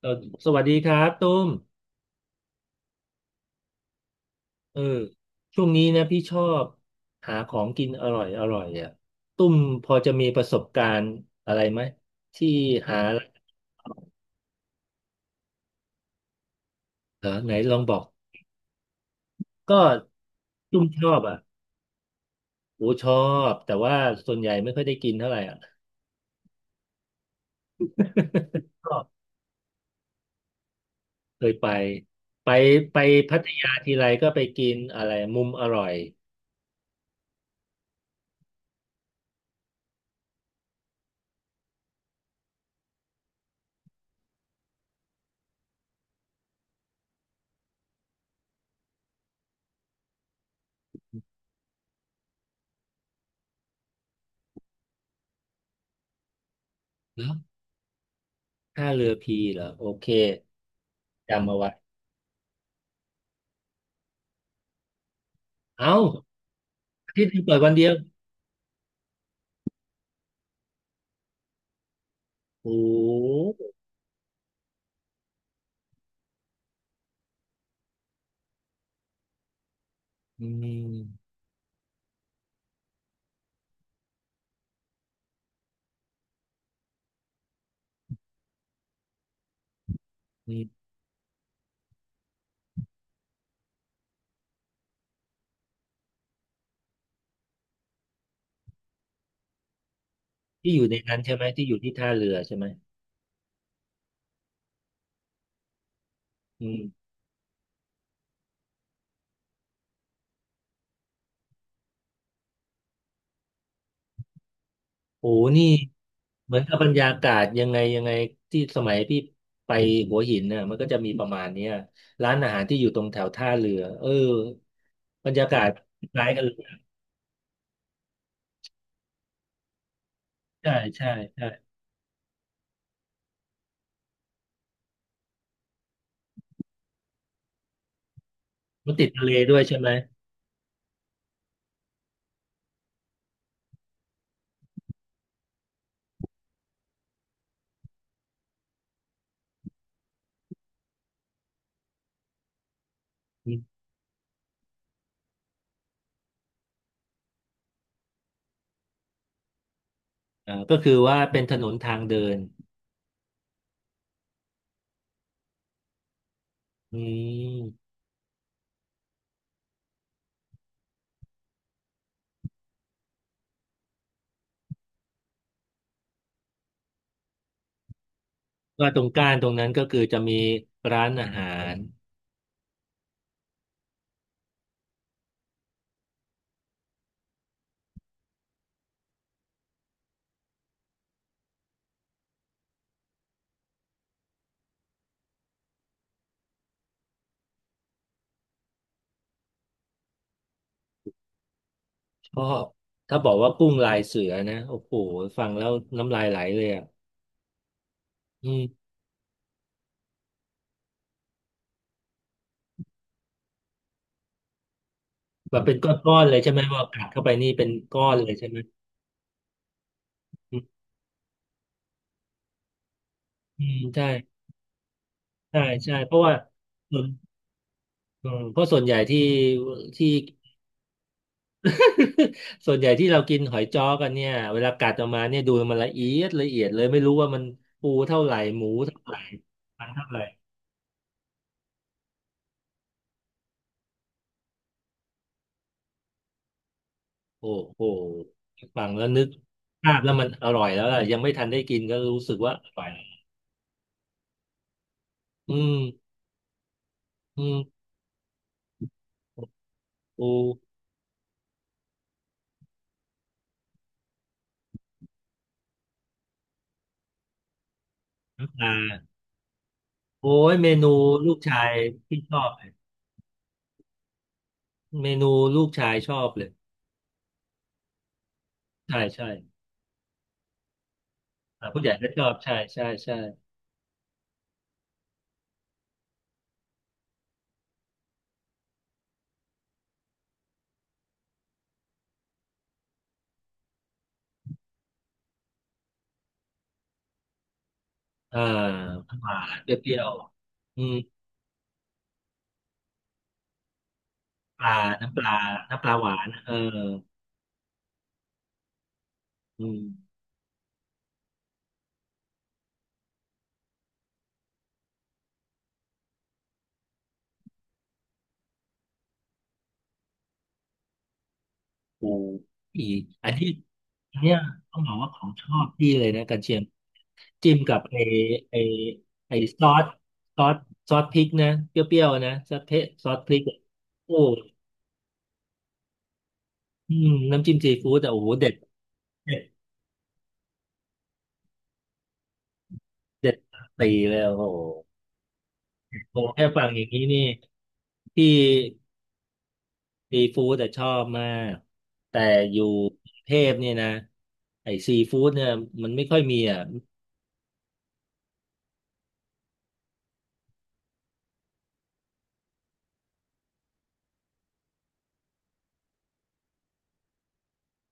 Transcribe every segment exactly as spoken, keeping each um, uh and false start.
เออสวัสดีครับตุ้มเออช่วงนี้นะพี่ชอบหาของกินอร่อยอร่อยอ่ะตุ้มพอจะมีประสบการณ์อะไรไหมที่หาเออไหนลองบอกก็ตุ้มชอบอ่ะโอ้ชอบแต่ว่าส่วนใหญ่ไม่ค่อยได้กินเท่าไหร่อ่ะ ก็เคยไปไปไปพัทยาทีไรก็ไปกินอะไรมุมอร่อยเหรอท่าเรือพีเหรอโอเคจำเอาไว้เอ้าอาที่เปิดวันเดียว โอ้อืมอืมที่อยู่ในนั้นใช่ไหมที่อยู่ที่ท่าเรือใช่ไหมอืมโอ้นี่เหมือนกับบรรยากาศยังไงยังไงที่สมัยพี่ไปหัวหินเนี่ยมันก็จะมีประมาณเนี้ยร้านอาหารที่อยู่ตรงแถวท่าเรือเออบรรยากาศคล้ายกันเลยใช่ใช่ใช่มันติดทะเลด้วยใช่ไหมอืมอ่าก็คือว่าเป็นถนนทางเดินอืมว่าตรงก้านตรงนั้นก็คือจะมีร้านอาหาร เพราะถ้าบอกว่ากุ้งลายเสือนะโอ้โหฟังแล้วน้ำลายไหลเลยอ่ะอืมแบบเป็นก้อนๆเลยใช่ไหมว่ากัดเข้าไปนี่เป็นก้อนเลยใช่ไหมอืมอืมใช่ใช่ใช่เพราะว่าส่วนอืมเพราะส่วนใหญ่ที่ที่ ส่วนใหญ่ที่เรากินหอยจ้อกันเนี่ยเวลากัดออกมาเนี่ยดูมันละเอียดละเอียดเลยไม่รู้ว่ามันปูเท่าไหร่หมูเท่าไหร่มันเท่าไหร่โอ้โหฟังแล้วนึกภาพแล้วมันอร่อยแล้วล่ะยังไม่ทันได้กินก็รู้สึกว่าอร่อยอืมอืม ปูน้ำปลาโอ้ยเมนูลูกชายพี่ชอบเลยเมนูลูกชายชอบเลยใช่ใช่อ่าผู้ใหญ่ก็ชอบใช่ใช่ใช่เออหวานเปรี้ยวๆอืมปลาน้ำปลาน้ำปลาหวานเอออืมปูอีกอันที่อันเนี้ยต้องบอกว่าของชอบพี่เลยนะกันเชียงจิ้มกับไอไอไอซอสซอสซอสพริกนะเปรี้ยวๆนะซอสเทซอสพริกอะโอ้อืมน้ำจิ้มซีฟู้ดแต่โอ้โหเด็ด เจ็ดปีเลยโอ้โหโอ้แค่ฟังอย่างนี้นี่ที่ซีฟู้ดแต่ชอบมากแต่อยู่กรุงเทพเนี่ยนะไอ้ซีฟู้ดเนี่ยมันไม่ค่อยมีอ่ะ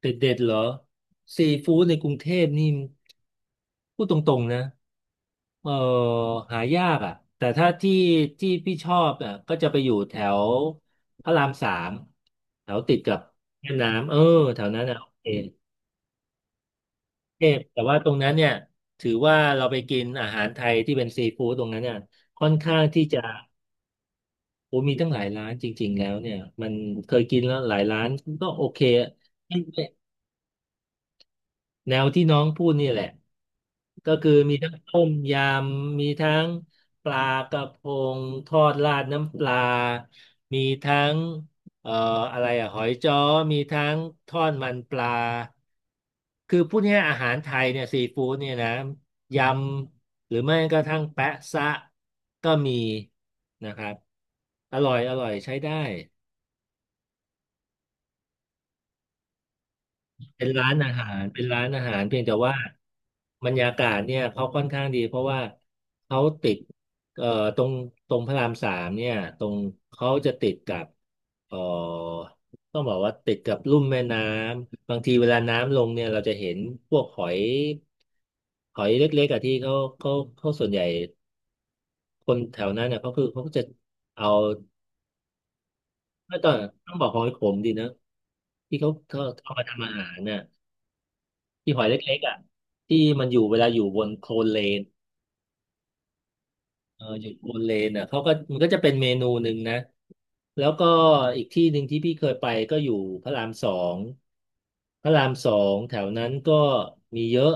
เด็ดเด็ดเหรอซีฟู้ดในกรุงเทพนี่พูดตรงๆนะเออหายากอ่ะแต่ถ้าที่ที่พี่ชอบอ่ะก็จะไปอยู่แถวพระรามสามแถวติดกับแม่น้ำเออแถวนั้นอ่ะโอเค เทพแต่ว่าตรงนั้นเนี่ยถือว่าเราไปกินอาหารไทยที่เป็นซีฟู้ดตรงนั้นเนี่ยค่อนข้างที่จะโอ้มีตั้งหลายร้านจริงๆแล้วเนี่ยมันเคยกินแล้วหลายร้านก็โอเคแนวที่น้องพูดนี่แหละ ก็คือมีทั้งต้มยำมีทั้งปลากระพงทอดราดน้ำปลา มีทั้งเอ่ออะไรอะหอยจ้อมีทั้งทอดมันปลาคือพูดง่ายๆอาหารไทยเนี่ยซีฟู้ดเนี่ยนะยำหรือไม่กระทั่งแปะซะก็มีนะครับอร่อยอร่อยใช้ได้ เป็นร้านอาหารเป็นร้านอาหารเพียงแต่ว่าบรรยากาศเนี่ยเขาค่อนข้างดีเพราะว่าเขาติดเอ่อตรงตรงพระรามสามเนี่ยตรงเขาจะติดกับเอ่อต้องบอกว่าติดกับลุ่มแม่น้ำบางทีเวลาน้ำลงเนี่ยเราจะเห็นพวกหอยหอยเล็กๆอะที่เขาเขาเขาส่วนใหญ่คนแถวนั้นเนี่ยเขาคือเขาก็จะเอาไม่ต้องต้องบอกหอยขมดีนะที่เขาเขาเอามาทำอาหารน่ะ ที่หอยเล็กๆอ่ะที่มันอยู่เวลาอยู่บนโคลนเลนเอออยู่บนเลนอ่ะเขาก็มันก็จะเป็นเมนูหนึ่งนะแล้วก็อีกที่หนึ่งที่พี่เคยไปก็อยู่พระรามสองพระรามสองแถวนั้นก็มีเยอะ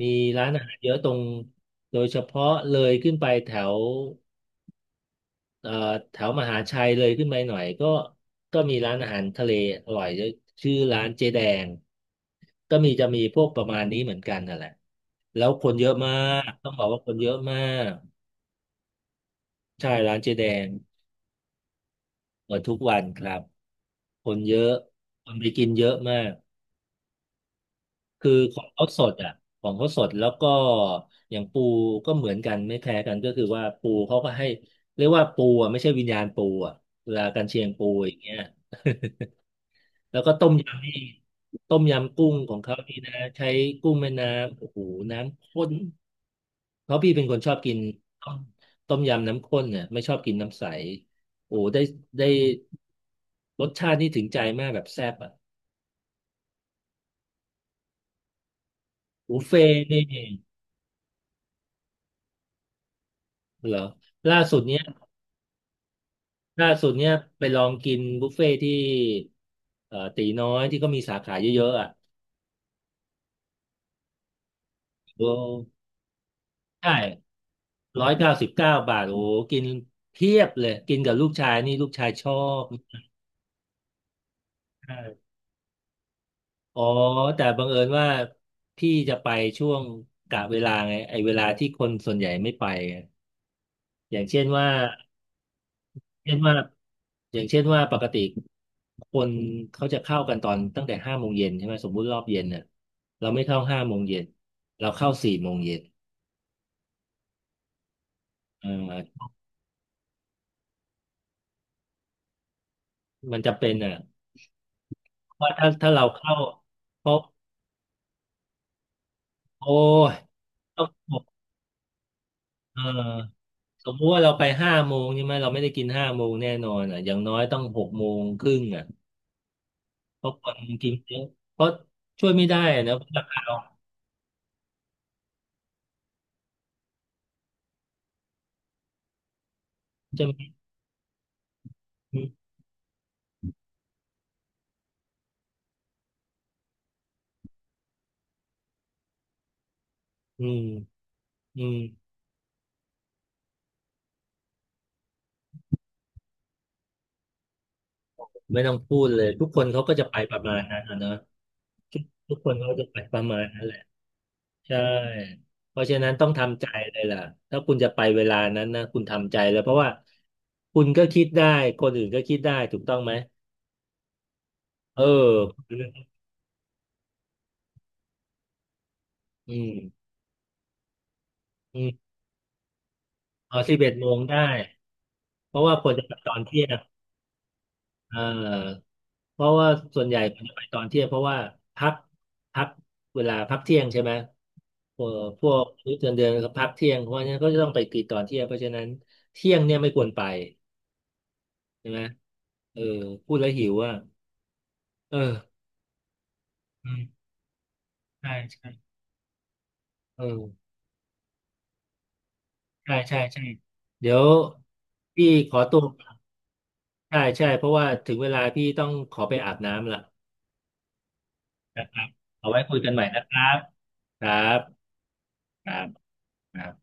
มีร้านอาหารเยอะตรงโดยเฉพาะเลยขึ้นไปแถว เอ่อแถวมหาชัยเลยขึ้นไปหน่อยก็ก็มีร้านอาหารทะเลอร่อยเยอะชื่อร้านเจ๊แดงก็มีจะมีพวกประมาณนี้เหมือนกันนั่นแหละแล้วคนเยอะมากต้องบอกว่าคนเยอะมากใช่ร้านเจ๊แดงเปิดทุกวันครับคนเยอะคนไปกินเยอะมากคือของเขาสดอ่ะของเขาสดแล้วก็อย่างปูก็เหมือนกันไม่แพ้กันก็คือว่าปูเขาก็ให้เรียกว่าปูอ่ะไม่ใช่วิญญาณปูอ่ะเวลากันเชียงปูอย่างเงี้ย แล้วก็ต้มยำนี่ต้มยำกุ้งของเขานี่นะใช้กุ้งแม่น้ำโอ้โห น้ำข้นเพราะพี่เป็นคนชอบกินต้มต้มยำน้ำข้นเนี่ยไม่ชอบกินน้ำใส โอ้ได้ได้รสชาตินี่ถึงใจมากแบบแซ่บอ่ะบุฟเฟ่ต์นี่เหรอล่าสุดเนี้ยล่าสุดเนี้ยไปลองกินบุฟเฟ่ต์ที่เอ่อตีน้อยที่ก็มีสาขาเยอะๆอ่ะโอ้ใช่ ร้อยเก้าสิบเก้าบาทโอ้โหกินเพียบเลยกินกับลูกชายนี่ลูกชายชอบใช่อ๋อแต่บังเอิญว่าพี่จะไปช่วงกะเวลาไงไอ้เวลาที่คนส่วนใหญ่ไม่ไปไงอย่างเช่นว่าเช่นว่าอย่างเช่นว่าปกติคนเขาจะเข้ากันตอนตั้งแต่ห้าโมงเย็นใช่ไหมสมมุติรอบเย็นเนี่ยเราไม่เข้าห้าโมงเย็นเราเข้าสี่โมงเย็นเออมันจะเป็นอ่ะว่าถ้าถ้าเราเข้าเพราะโอ้ยต้องเออ สมมติว่าเราไปห้าโมงใช่ไหมเราไม่ได้กินห้าโมงแน่นอนอ่ะอย่างน้อยต้องหกโมงครึ่งอ่ะเพราะคนกินเยอะเพราะช่วยไม่ได้อะนะราคาเราจะไหมอืมอืมอืมไม่ต้องพูดเลยทุกคนเขาก็จะไปประมาณนั้นอะเนอะทุกทุกคนเขาจะไปประมาณนั้นแหละใช่เพราะฉะนั้นต้องทำใจเลยล่ะถ้าคุณจะไปเวลานั้นนะคุณทำใจเลยเพราะว่าคุณก็คิดได้คนอื่นก็คิดได้ถูกต้องไหมเอออืมอืมเอาสิบเอ็ดโมงได้ เพราะว่าควรจะไปตอนเที่ยงเออเพราะว่าส่วนใหญ่ควรจะไปตอนเที่ยงเพราะว่าพักพักเวลาพักเที่ยงใช่ไหมพวกพวกมื้อเดือนเดือนก็พักเที่ยงเพราะฉะนั้นก็จะต้องไปกินตอนเที่ยงเพราะฉะนั้นเที่ยงเนี่ยไม่ควรไปใช่ไหมเออพูดแล้วหิวอ่ะเอออืมใช่ใช่เออใช่ใช่ใช่เดี๋ยวพี่ขอตัวใช่ใช่เพราะว่าถึงเวลาพี่ต้องขอไปอาบน้ำละนะครับเอาไว้คุยกันใหม่นะครับครับ ครับอ่า